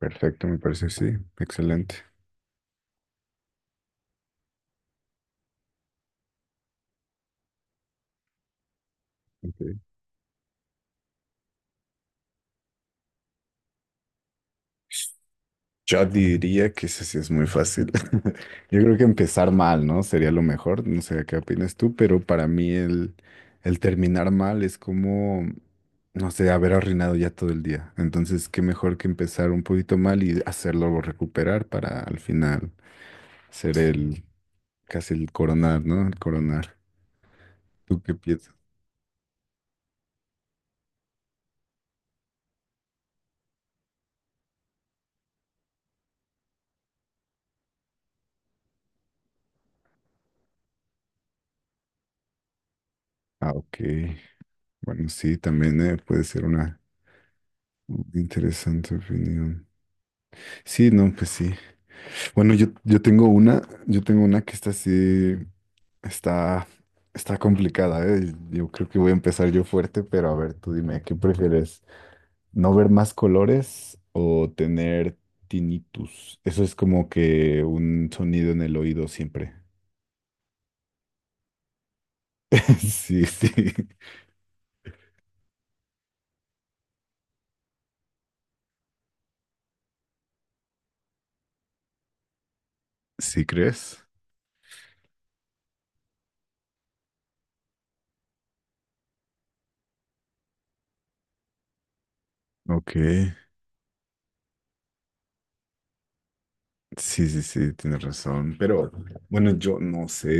Perfecto, me parece, sí. Excelente. Ok. Yo diría que eso sí es muy fácil. Yo creo que empezar mal, ¿no? Sería lo mejor. No sé qué opinas tú, pero para mí el terminar mal es como, no sé, haber arruinado ya todo el día. Entonces, qué mejor que empezar un poquito mal y hacerlo recuperar para al final ser el, casi el coronar, ¿no? El coronar. ¿Tú qué piensas? Ah, ok. Bueno, sí, también puede ser una interesante opinión. Sí, no, pues sí. Bueno, yo tengo una que está así, está, está complicada, ¿eh? Yo creo que voy a empezar yo fuerte, pero a ver, tú dime, ¿qué prefieres? ¿No ver más colores o tener tinnitus? Eso es como que un sonido en el oído siempre. Sí, sí. ¿Sí crees? Ok. Sí, sí, sí, tienes razón, pero bueno, yo no sé,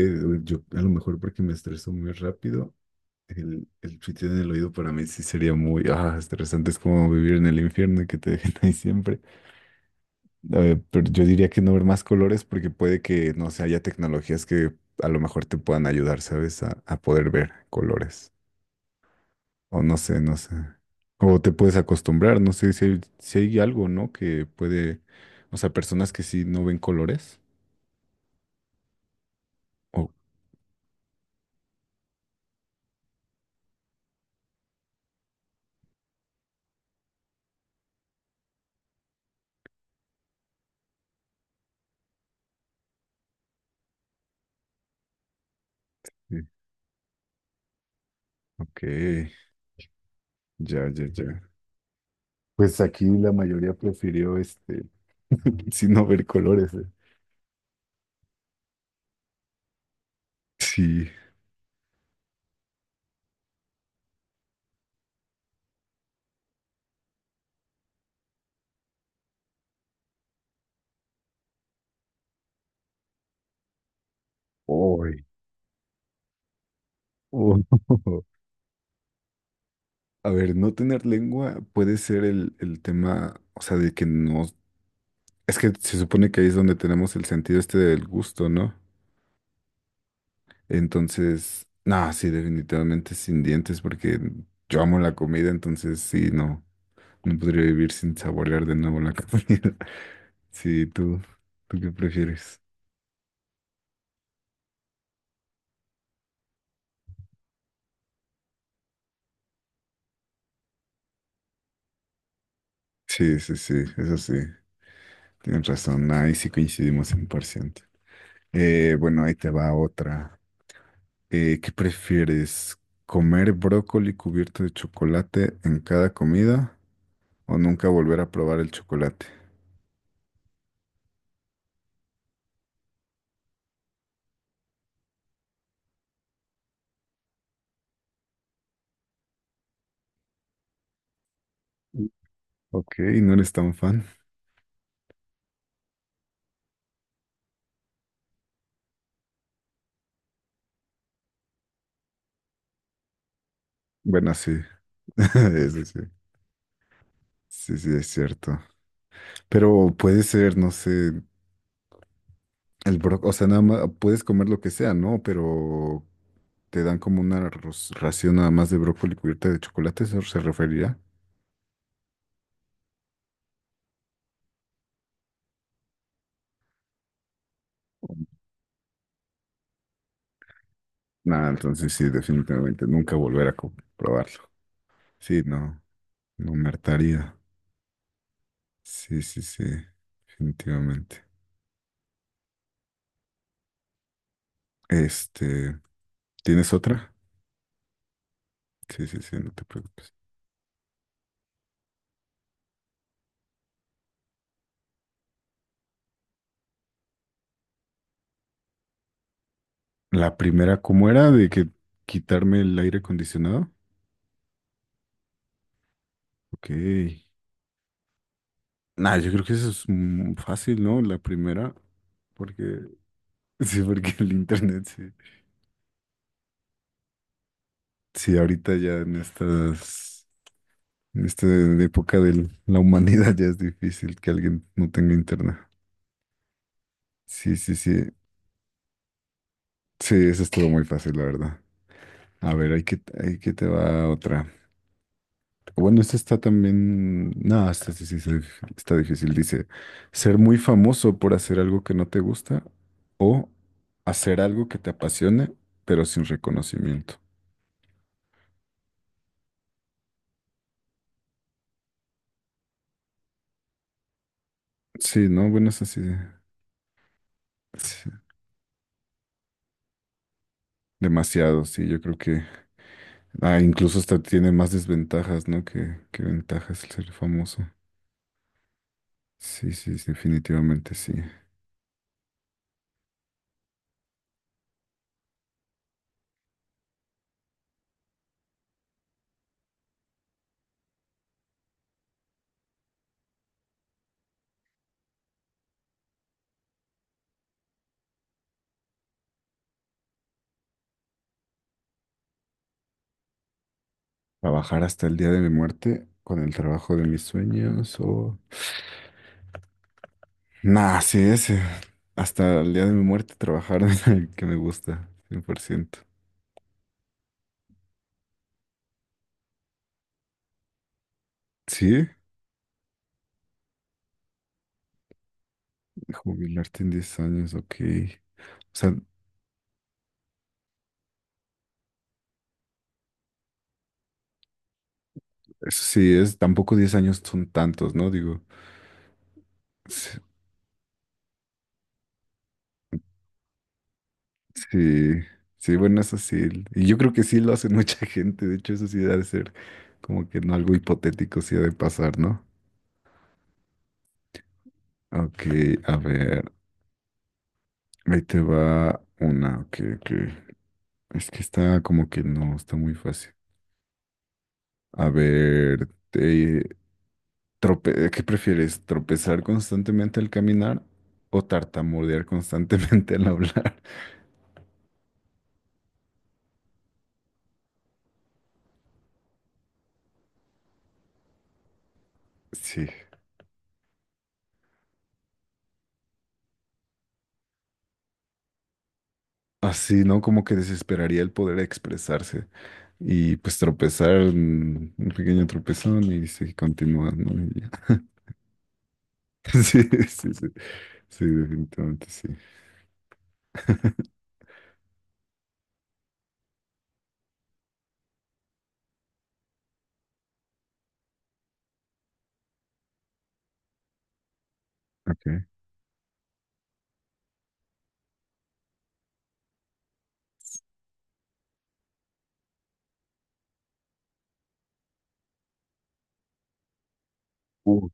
yo a lo mejor porque me estreso muy rápido, el chute en el oído para mí sí sería muy, estresante, es como vivir en el infierno y que te dejen ahí siempre. Pero yo diría que no ver más colores porque puede que, no sé, haya tecnologías que a lo mejor te puedan ayudar, ¿sabes? A poder ver colores, o no sé, no sé. O te puedes acostumbrar, no sé si hay algo, ¿no? Que puede, o sea, personas que sí no ven colores. O Ok, ya, ya, ya. Pues aquí la mayoría prefirió este, sin no ver colores. Sí. Uy. Oh. A ver, no tener lengua puede ser el tema, o sea, de que no. Es que se supone que ahí es donde tenemos el sentido este del gusto, ¿no? Entonces, no, sí, definitivamente sin dientes, porque yo amo la comida, entonces sí, no, no podría vivir sin saborear de nuevo la comida. Sí, ¿tú qué prefieres? Sí, sí, sí, eso sí, tienes razón, ahí sí coincidimos 100%. Bueno, ahí te va otra. ¿Qué prefieres? ¿Comer brócoli cubierto de chocolate en cada comida o nunca volver a probar el chocolate? Mm. Ok, no eres tan fan. Bueno, sí, eso sí, sí, sí, es cierto. Pero puede ser, no sé, el brócoli, o sea, nada más puedes comer lo que sea, ¿no? Pero te dan como una ración nada más de brócoli cubierta de chocolate, ¿eso se referirá? Nada, entonces sí, definitivamente nunca volver a probarlo. Sí, no, no me hartaría. Sí, sí, sí, definitivamente. Este, ¿Tienes otra? Sí, sí, sí, no te preocupes. La primera, ¿cómo era? De que quitarme el aire acondicionado. Ok. Nah, yo creo que eso es fácil, ¿no? La primera, porque sí, porque el internet, sí. Sí, ahorita ya en esta época de la humanidad ya es difícil que alguien no tenga internet. Sí, sí, sí. Sí, eso estuvo muy fácil, la verdad. A ver, hay que te va otra. Bueno, esta está también. No, esta sí, sí, sí, está difícil. Dice, ser muy famoso por hacer algo que no te gusta o hacer algo que te apasione, pero sin reconocimiento. Sí, no, bueno, es así. Sí, demasiado, sí, yo creo que incluso hasta tiene más desventajas, ¿no? Que ventajas el ser famoso. Sí, sí, sí, definitivamente sí. Trabajar hasta el día de mi muerte con el trabajo de mis sueños o... Nah, sí, ese. Hasta el día de mi muerte trabajar en el que me gusta, 100%. Sí, jubilarte en 10 años, ok. O sea, eso sí es, tampoco 10 años son tantos, ¿no? Digo, sí, sí, bueno, eso sí. Y yo creo que sí lo hace mucha gente. De hecho, eso sí debe ser como que no algo hipotético, sí ha de pasar, ¿no? Ok, a ver, ahí te va una, ok, ok. Es que está como que no, está muy fácil. A ver, ¿qué prefieres? ¿Tropezar constantemente al caminar o tartamudear constantemente al hablar? Sí. Así, ¿no? Como que desesperaría el poder expresarse y pues tropezar, un pequeño tropezón y se continúa, ¿no? Y ya. Sí, sí, sí, sí, definitivamente sí. Okay. Uh,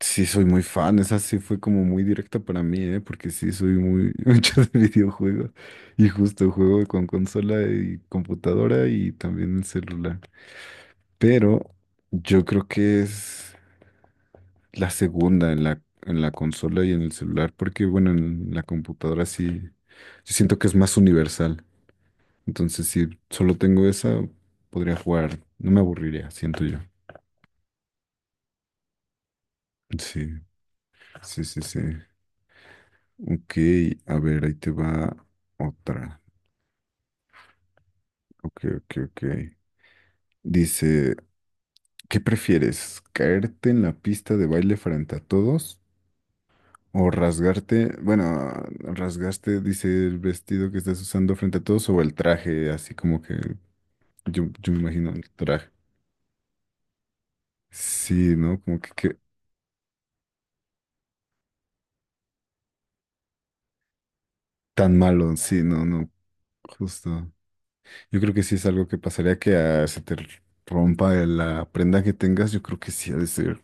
sí, soy muy fan, esa sí fue como muy directa para mí, ¿eh? Porque sí, soy muy mucho de videojuegos y justo juego con consola y computadora y también el celular. Pero yo creo que la segunda en la consola y en el celular, porque bueno, en la computadora sí, sí siento que es más universal. Entonces, si solo tengo esa, podría jugar, no me aburriría, siento yo. Sí, sí, sí, sí. Ok, a ver, ahí te va otra. Ok, ok, ok. Dice, ¿qué prefieres? ¿Caerte en la pista de baile frente a todos? ¿O rasgarte? Bueno, rasgaste, dice el vestido que estás usando frente a todos o el traje, así como que yo me imagino el traje. Sí, ¿no? Como que tan malo. Sí, no, no. Justo. Yo creo que sí es algo que pasaría que se te rompa la prenda que tengas. Yo creo que sí ha de ser.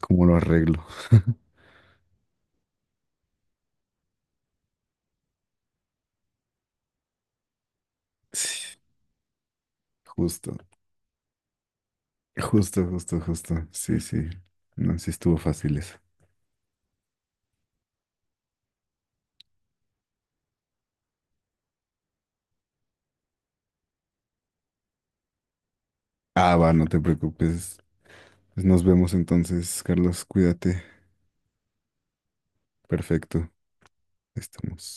¿Cómo lo arreglo? Sí, justo. Justo, justo, justo. Sí, sí. No, sí estuvo fácil eso. Ah, va, no te preocupes. Pues nos vemos entonces, Carlos. Cuídate. Perfecto. Estamos.